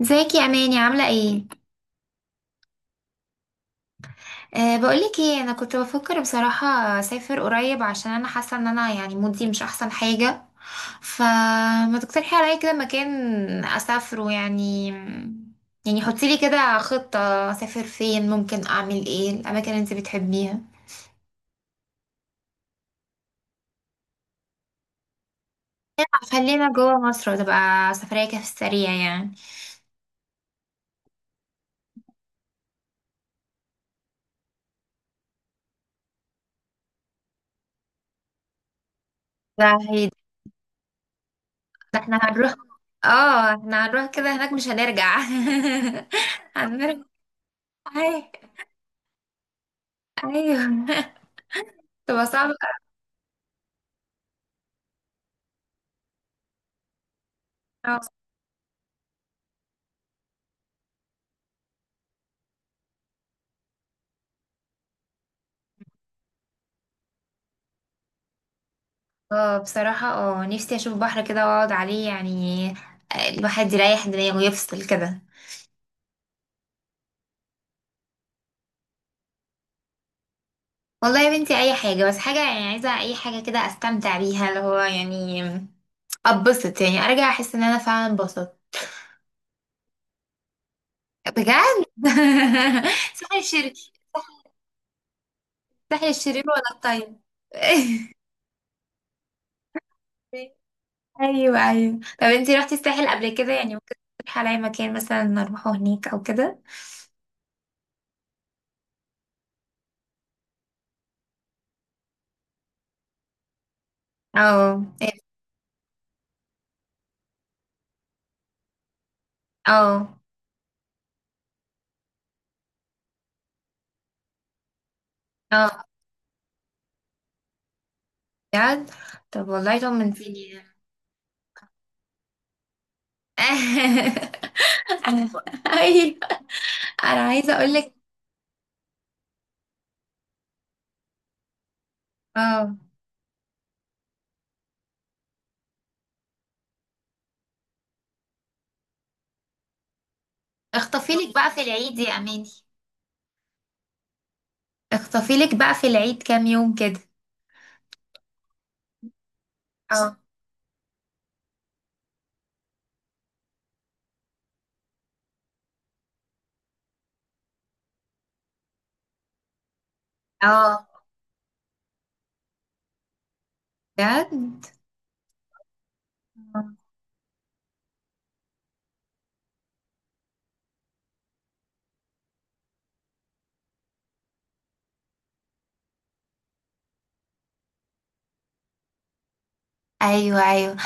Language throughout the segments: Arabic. ازيك يا اماني، عامله ايه؟ بقولك ايه، انا كنت بفكر بصراحه اسافر قريب عشان انا حاسه ان انا يعني مودي مش احسن حاجه. فما تقترحي عليا كده مكان اسافره يعني. يعني حطي لي كده خطه، اسافر فين، ممكن اعمل ايه، الاماكن اللي انت بتحبيها. خلينا جوه مصر وتبقى سفريه كده في السريع يعني. ده هي- ده احنا هنروح، اه احنا هنروح كده هناك مش هنرجع. هنرجع. أي- ايوه. تبقى صعبة. اه بصراحة نفسي اشوف بحر كده واقعد عليه يعني. الواحد يريح دماغه ويفصل كده. والله يا بنتي اي حاجة، بس حاجة يعني، عايزة اي حاجة كده استمتع بيها، اللي هو يعني اتبسط يعني، ارجع احس ان انا فعلا اتبسطت. بجد. ساحل الشرير. ساحل الشرير ولا الطيب؟ ايوه، ايوه. طب انتي رحتي الساحل قبل كده؟ يعني ممكن تقترحي عليا مكان مثلا نروحه هناك او كده. اه، اه، اه، بجد. طب والله طمنتيني ده. انا. ايوه. انا عايزه اقول لك. اه. اخطفي لك بقى في العيد يا اماني. اخطفي لك بقى في العيد كام يوم كده. اه. اه بجد. آه. ايوه، ايوه.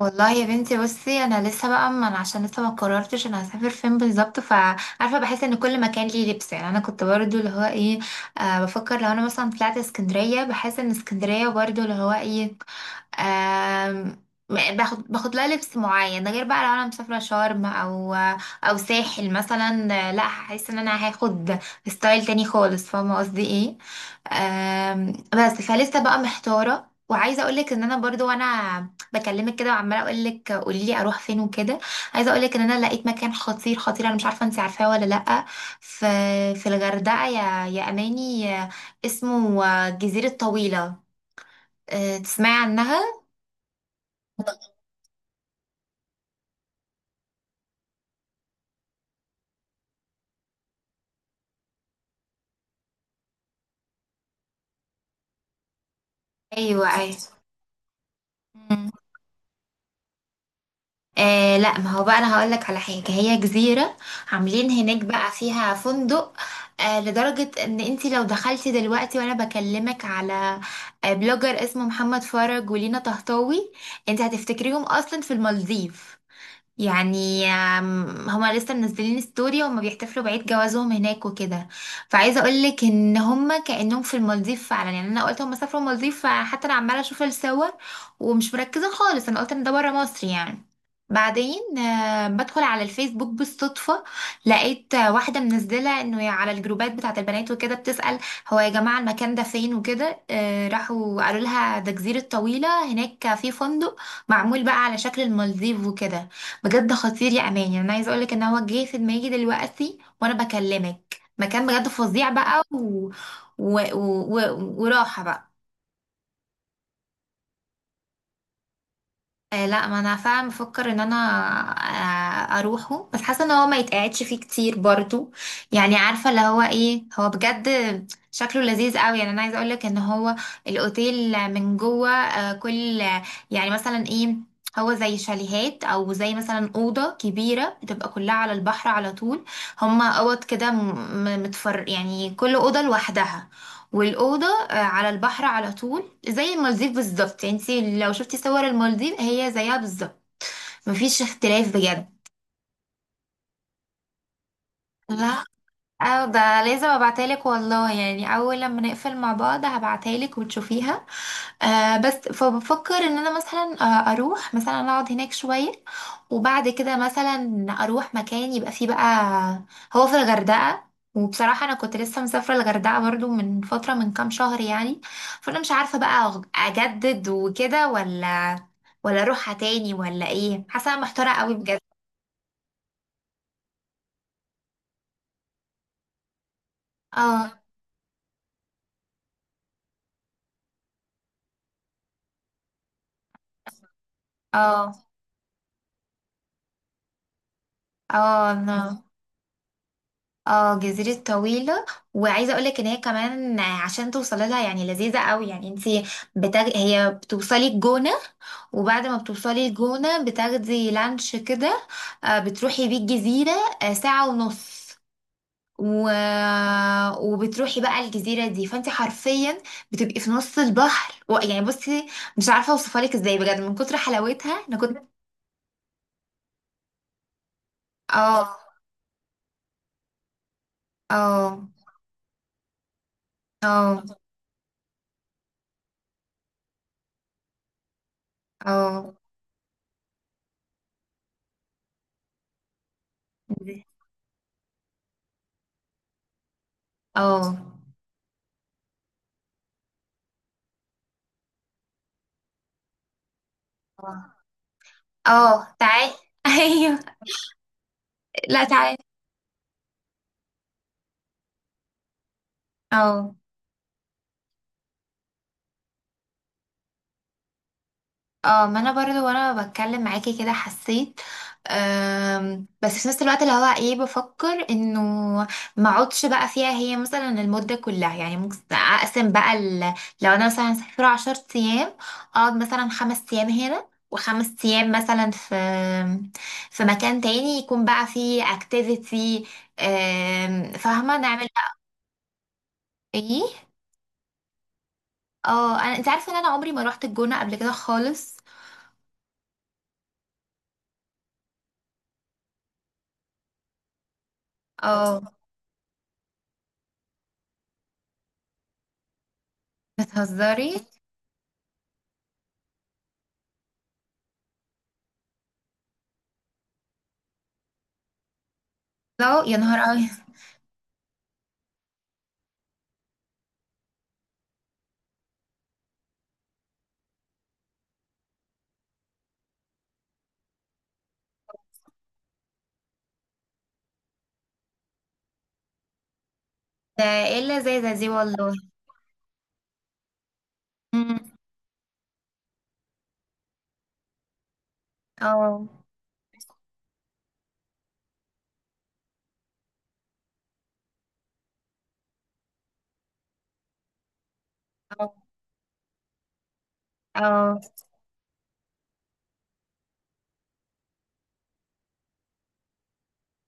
والله يا بنتي بصي، انا لسه بقى، ما أنا عشان لسه ما قررتش انا هسافر فين بالظبط، فعارفه بحس ان كل مكان ليه لبس يعني. انا كنت برضو اللي هو ايه، بفكر لو انا مثلا طلعت اسكندريه بحس ان اسكندريه برضو اللي هو ايه. آم، باخد لها لبس معين، ده غير بقى لو انا مسافره شرم او او ساحل مثلا، لا هحس ان انا هاخد ستايل تاني خالص. فاهمه قصدي ايه؟ بس فلسه بقى محتاره، وعايزه اقولك ان انا برضو وانا بكلمك كده وعماله اقولك قوليلي اروح فين وكده، عايزه اقولك ان انا لقيت مكان خطير خطير. انا مش عارفه انت عارفاه ولا لا. في في الغردقه يا اماني، اسمه جزيره طويله. تسمعي عنها؟ ايوه، ايوه. مم. لا، ما هو بقى انا هقول لك على حاجه. هي جزيره عاملين هناك بقى فيها فندق. لدرجه ان انت لو دخلتي دلوقتي وانا بكلمك على بلوجر اسمه محمد فرج ولينا طهطاوي، انت هتفتكريهم اصلا في المالديف. يعني هما لسه منزلين ستوري، هما بيحتفلوا بعيد جوازهم هناك وكده. فعايزه اقول لك ان هما كانهم في المالديف فعلا. يعني انا قلت هما سافروا المالديف، فحتى انا عماله اشوف الصور ومش مركزه خالص. انا قلت ان ده بره مصر يعني. بعدين بدخل على الفيسبوك بالصدفة، لقيت واحدة منزلة انه على الجروبات بتاعة البنات وكده بتسأل: هو يا جماعة المكان ده فين وكده. راحوا قالوا لها ده جزيرة طويلة هناك، في فندق معمول بقى على شكل المالديف وكده. بجد خطير يا امان. يعني انا عايزه اقولك ان هو جه في دماغي دلوقتي وانا بكلمك مكان بجد فظيع بقى، و... و... وراحه بقى. لا، ما انا فعلا بفكر ان انا اروحه، بس حاسه ان هو ما يتقعدش فيه كتير برضو. يعني عارفه اللي هو ايه، هو بجد شكله لذيذ قوي. يعني انا عايزه اقولك ان هو الاوتيل من جوه كل يعني مثلا ايه، هو زي شاليهات او زي مثلا اوضه كبيره بتبقى كلها على البحر على طول. هما اوض كده متفر يعني، كل اوضه لوحدها، والأوضة على البحر على طول. زي المالديف بالظبط يعني. انتي لو شفتي صور المالديف هي زيها بالظبط، مفيش اختلاف بجد. لا. اه ده لازم ابعتهالك والله، يعني اول لما نقفل مع بعض هبعتهالك وتشوفيها. بس فبفكر ان انا مثلا اروح مثلا اقعد هناك شوية، وبعد كده مثلا اروح مكان يبقى فيه بقى، هو في الغردقة. وبصراحة انا كنت لسه مسافرة الغردقة برضو من فترة، من كام شهر يعني. فانا مش عارفة بقى اجدد وكده ولا ولا اروحها تاني ولا ايه. حاسة أنا محتارة قوي بجد. اه، اه، اه، انا. اه، جزيرة طويلة. وعايزة اقولك ان هي كمان عشان توصلي لها يعني لذيذة قوي. يعني انتي هي بتوصلي الجونة، وبعد ما بتوصلي الجونة بتاخدي لانش كده. بتروحي بيه الجزيرة، ساعة ونص، و... وبتروحي بقى الجزيرة دي، فانتي حرفيا بتبقي في نص البحر، يعني بصي، مش عارفة اوصفلك ازاي بجد من كتر حلاوتها. انا كنت. اه، اه، اه، اه، اه. آه. اه، تعالي. ايوه. لا تعالي. اه. اه، ما انا برضو وانا بتكلم معاكي كده حسيت. بس في نفس الوقت اللي هو ايه بفكر انه ما اقعدش بقى فيها هي مثلا المدة كلها. يعني ممكن اقسم بقى لو انا مثلا مسافرة عشر ايام، اقعد مثلا خمس ايام هنا وخمس ايام مثلا في مكان تاني يكون بقى فيه اكتيفيتي. فاهمة؟ نعمل بقى ايه. اه. انا انت عارفه ان انا عمري ما روحت الجونه قبل كده خالص. بس اه. بتهزري؟ لا يا نهار ابيض. ده ايه اللذاذه دي والله. امم. اه، اه، اه،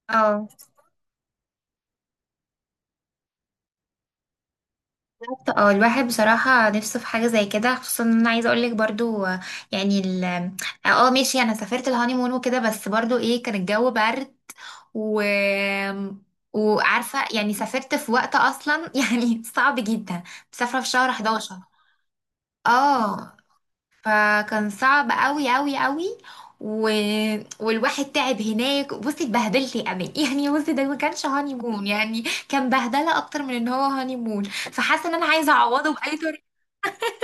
اه. بالظبط. اه الواحد بصراحه نفسه في حاجه زي كده، خصوصا ان انا عايزه اقول لك برضو يعني ال اه ماشي، انا سافرت الهانيمون وكده، بس برضو ايه كان الجو برد. و وعارفه، يعني سافرت في وقت اصلا يعني صعب جدا، مسافره في شهر 11. اه، فكان صعب قوي قوي قوي. و... والواحد تعب هناك. بصي، اتبهدلت يا امل. يعني بصي ده ما كانش هاني مون يعني، كان بهدله اكتر من ان هو هاني مون. فحاسه ان انا عايزه اعوضه باي طريقه.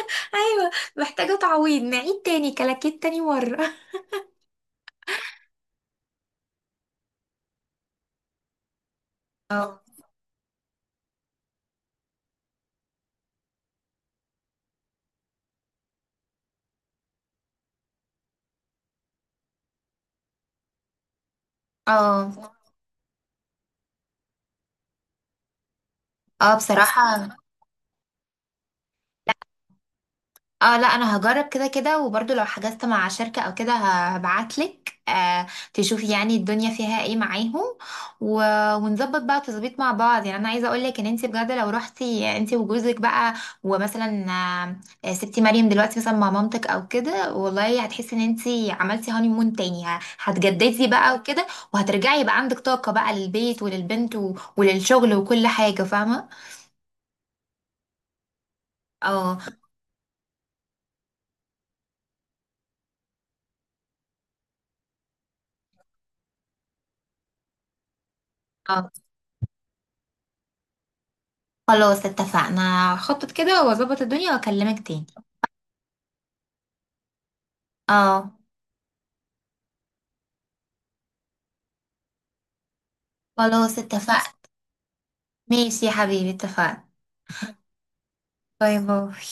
ايوه. محتاجه تعويض، نعيد تاني، كلاكيت تاني مره. اه، اه، اه، بصراحه. اه لا انا هجرب كده كده، وبرضو لو حجزت مع شركة او كده هبعتلك آه تشوفي يعني الدنيا فيها ايه معاهم. و... ونظبط بقى تظبيط مع بعض. يعني انا عايزة اقولك ان انت بجد لو رحتي انت وجوزك بقى، ومثلا سبتي مريم دلوقتي مثلا مع مامتك او كده، والله هتحسي ان انت عملتي هاني مون تاني. هتجددي بقى وكده، وهترجعي يبقى عندك طاقة بقى للبيت وللبنت وللشغل وكل حاجة. فاهمة؟ اه. اه خلاص اتفقنا، خطط كده واظبط الدنيا واكلمك تاني. اه خلاص اتفقنا. ماشي يا حبيبي اتفقنا. باي باي.